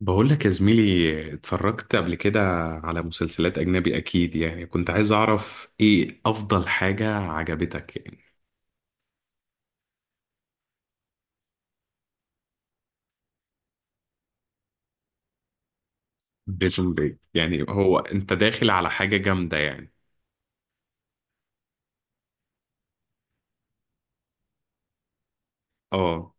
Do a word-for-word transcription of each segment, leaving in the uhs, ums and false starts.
بقول لك يا زميلي، اتفرجت قبل كده على مسلسلات أجنبي. أكيد يعني كنت عايز أعرف إيه أفضل حاجة عجبتك يعني. بريزون بريك؟ يعني هو أنت داخل على حاجة جامدة يعني. آه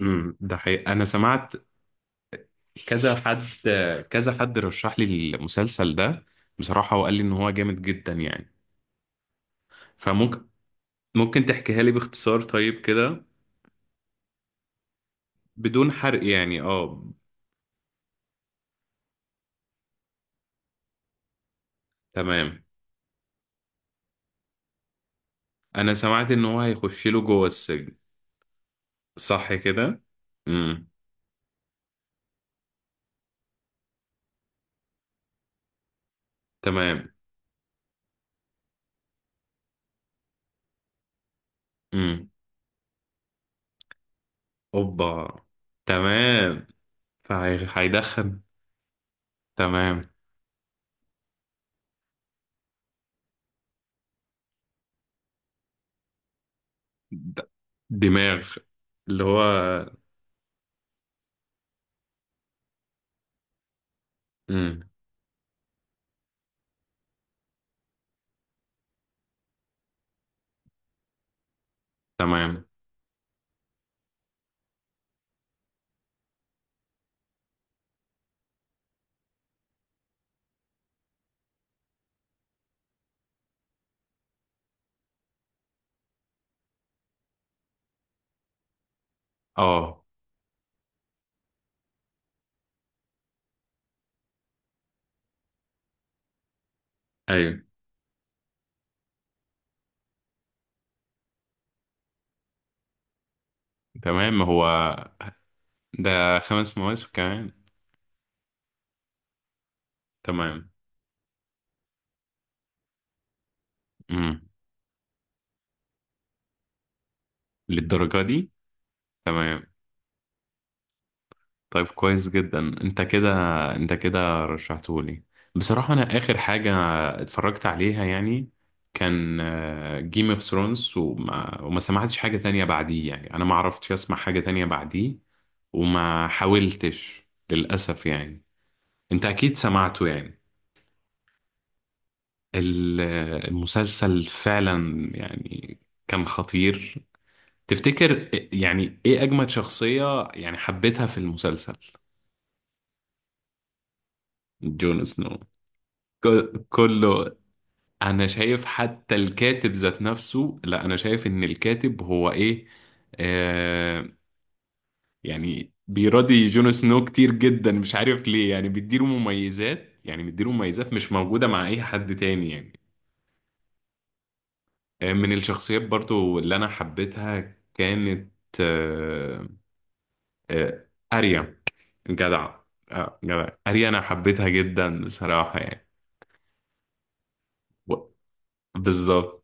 امم ده حقيقي، أنا سمعت. كذا حد، كذا حد رشح لي المسلسل ده بصراحة، وقال لي إن هو جامد جدا يعني. فممكن، ممكن تحكيها لي باختصار طيب كده، بدون حرق يعني. آه تمام. أنا سمعت إن هو هيخش له جوه السجن، صح كده؟ امم تمام. امم اوبا، تمام. فهي- هيدخن. تمام. د- دماغ. اللي هو امم تمام. اه ايوه. تمام. هو ده خمس مواسم كمان؟ تمام. امم للدرجة دي؟ تمام. طيب كويس جدا، انت كده، انت كده رشحتهولي. بصراحة، انا اخر حاجة اتفرجت عليها يعني كان جيم اوف ثرونز، وما, وما سمعتش حاجة تانية بعديه يعني. انا ما عرفتش اسمع حاجة تانية بعديه وما حاولتش للأسف يعني. انت اكيد سمعته يعني، ال- المسلسل فعلا يعني كان خطير. تفتكر يعني ايه اجمد شخصية يعني حبيتها في المسلسل؟ جون سنو. ك- كله. انا شايف حتى الكاتب ذات نفسه. لا، انا شايف ان الكاتب هو ايه، آه يعني بيراضي جون سنو كتير جدا، مش عارف ليه يعني. بيديله مميزات يعني، بيديله مميزات مش موجودة مع اي حد تاني يعني. آه من الشخصيات برضو اللي انا حبيتها كانت، آه آه اريا، جدع. آه جدع اريا، انا حبيتها جدا بصراحة يعني. و- بالظبط.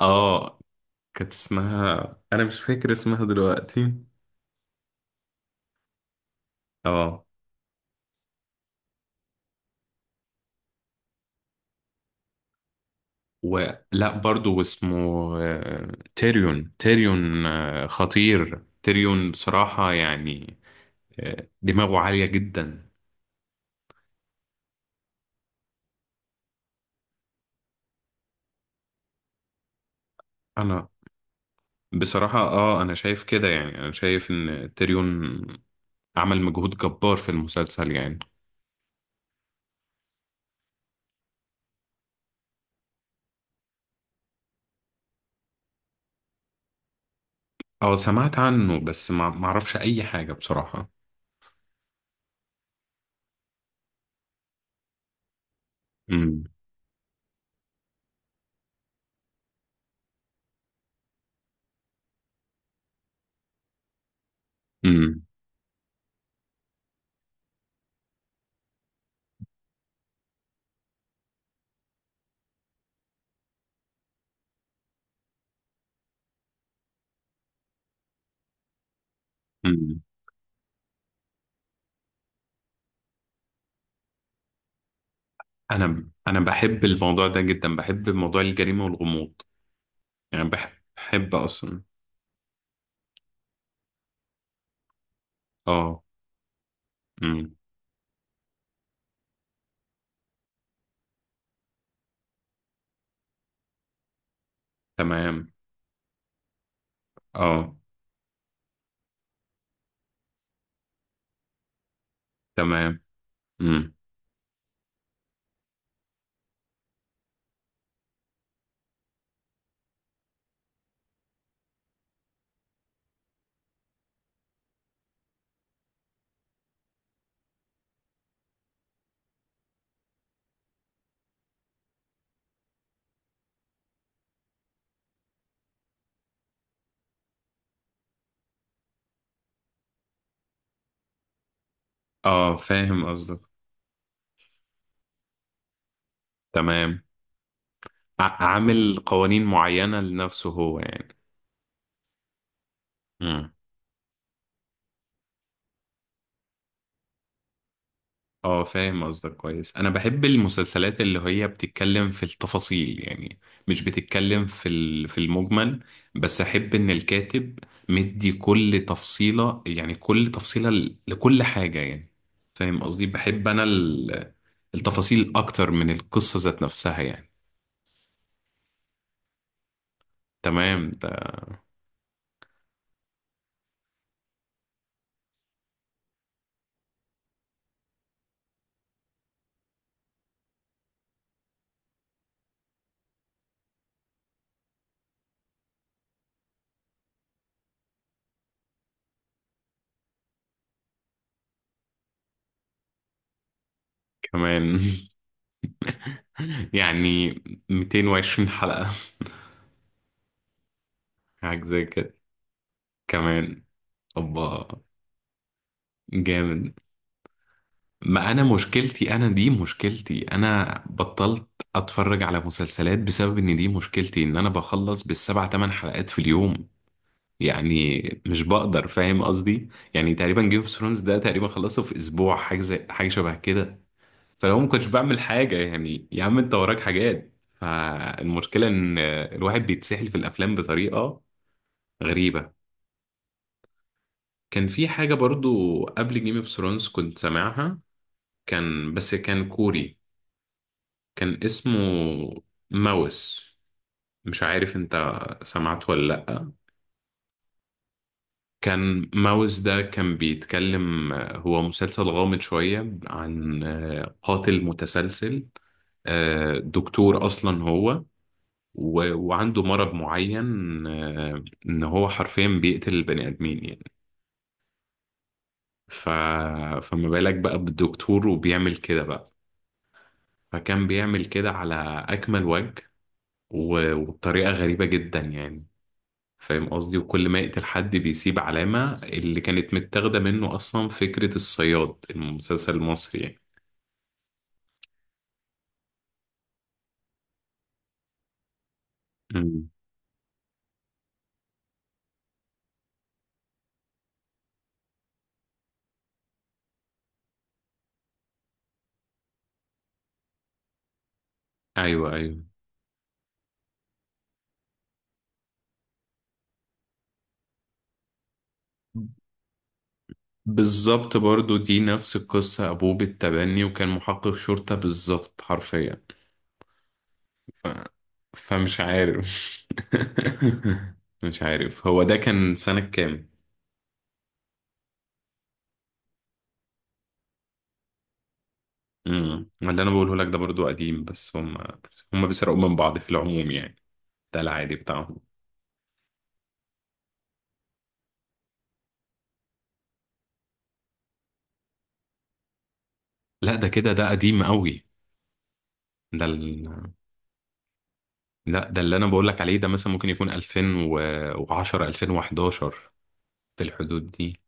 اه كانت اسمها، انا مش فاكر اسمها دلوقتي. اه. ولا برضو اسمه، آه، تيريون، تيريون. آه، خطير تيريون بصراحة يعني. آه، دماغه عالية جدا. أنا بصراحة اه أنا شايف كده يعني، أنا شايف إن تيريون عمل مجهود جبار في المسلسل يعني. اه سمعت عنه، بس ما ما أعرفش أي حاجة بصراحة. امم امم امم أنا، أنا بحب الموضوع ده جدا، بحب موضوع الجريمة والغموض يعني. بحب، بحب أصلا. اه امم تمام. اه تمام. امم اه فاهم قصدك. تمام. ع- عامل قوانين معينة لنفسه هو يعني. امم اه فاهم قصدك كويس. انا بحب المسلسلات اللي هي بتتكلم في التفاصيل يعني، مش بتتكلم في ال- في المجمل. بس احب ان الكاتب مدي كل تفصيلة يعني، كل تفصيلة ل- لكل حاجة يعني. فاهم قصدي؟ بحب انا ال- التفاصيل اكتر من القصة ذات نفسها يعني. تمام. ده كمان يعني مئتين وعشرين حلقة. حاجة زي كده كمان. طب جامد. ما أنا مشكلتي، أنا دي مشكلتي، أنا بطلت أتفرج على مسلسلات بسبب إن، دي مشكلتي، إن أنا بخلص بالسبع تمن حلقات في اليوم يعني. مش بقدر، فاهم قصدي؟ يعني تقريبا جيم اوف ثرونز ده تقريبا خلصته في أسبوع، حاجة زي، حاجة شبه كده. فلو ما كنتش بعمل حاجة يعني، يا عم أنت وراك حاجات. فالمشكلة إن الواحد بيتسحل في الأفلام بطريقة غريبة. كان في حاجة برضو قبل جيم اوف ثرونز كنت سامعها، كان، بس كان كوري، كان اسمه ماوس. مش عارف انت سمعته ولا لأ. كان ماوس ده كان بيتكلم، هو مسلسل غامض شوية عن آه، قاتل متسلسل. آه، دكتور أصلا هو، و- وعنده مرض معين، آه، ان هو حرفيا بيقتل البني آدمين يعني. ف... فما بالك بقى بالدكتور وبيعمل كده بقى. فكان بيعمل كده على أكمل وجه، و- وبطريقة غريبة جدا يعني. فاهم قصدي؟ وكل ما يقتل حد بيسيب علامة. اللي كانت متاخدة منه أصلا فكرة الصياد المسلسل المصري يعني. مم. أيوه، أيوه بالظبط. برضو دي نفس القصة، أبوه بالتبني وكان محقق شرطة، بالظبط حرفيا. ف... فمش عارف. مش عارف هو ده كان سنة كام. امم ما اللي انا بقوله لك ده برضو قديم، بس هم، هم بيسرقوا من بعض في العموم يعني، ده العادي بتاعهم. لا ده كده، ده قديم قوي. ده ال... لا ده اللي انا بقول لك عليه ده مثلا ممكن يكون ألفين وعشرة ألفين وحداشر، في الحدود دي.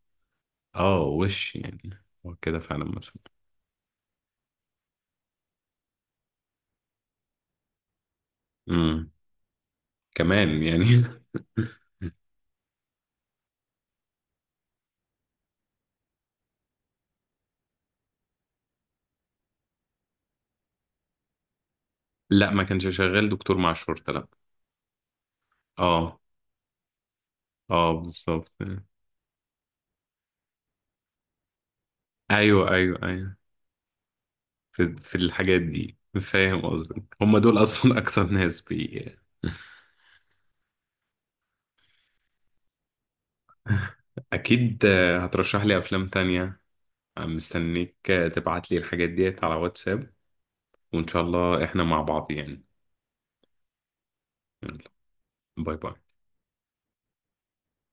اه وش يعني، هو كده فعلا مثلا. امم كمان يعني. لا ما كانش شغال دكتور مع الشرطة، لا. اه. اه بالظبط. ايوه، ايوه، ايوه. في, في الحاجات دي فاهم قصدك. هم دول اصلا اكتر ناس بي. اكيد، آه، هترشح لي افلام تانية. أنا مستنيك، آه، تبعت لي الحاجات ديت على واتساب. وان شاء الله احنا مع بعض يعني. يلا، باي باي.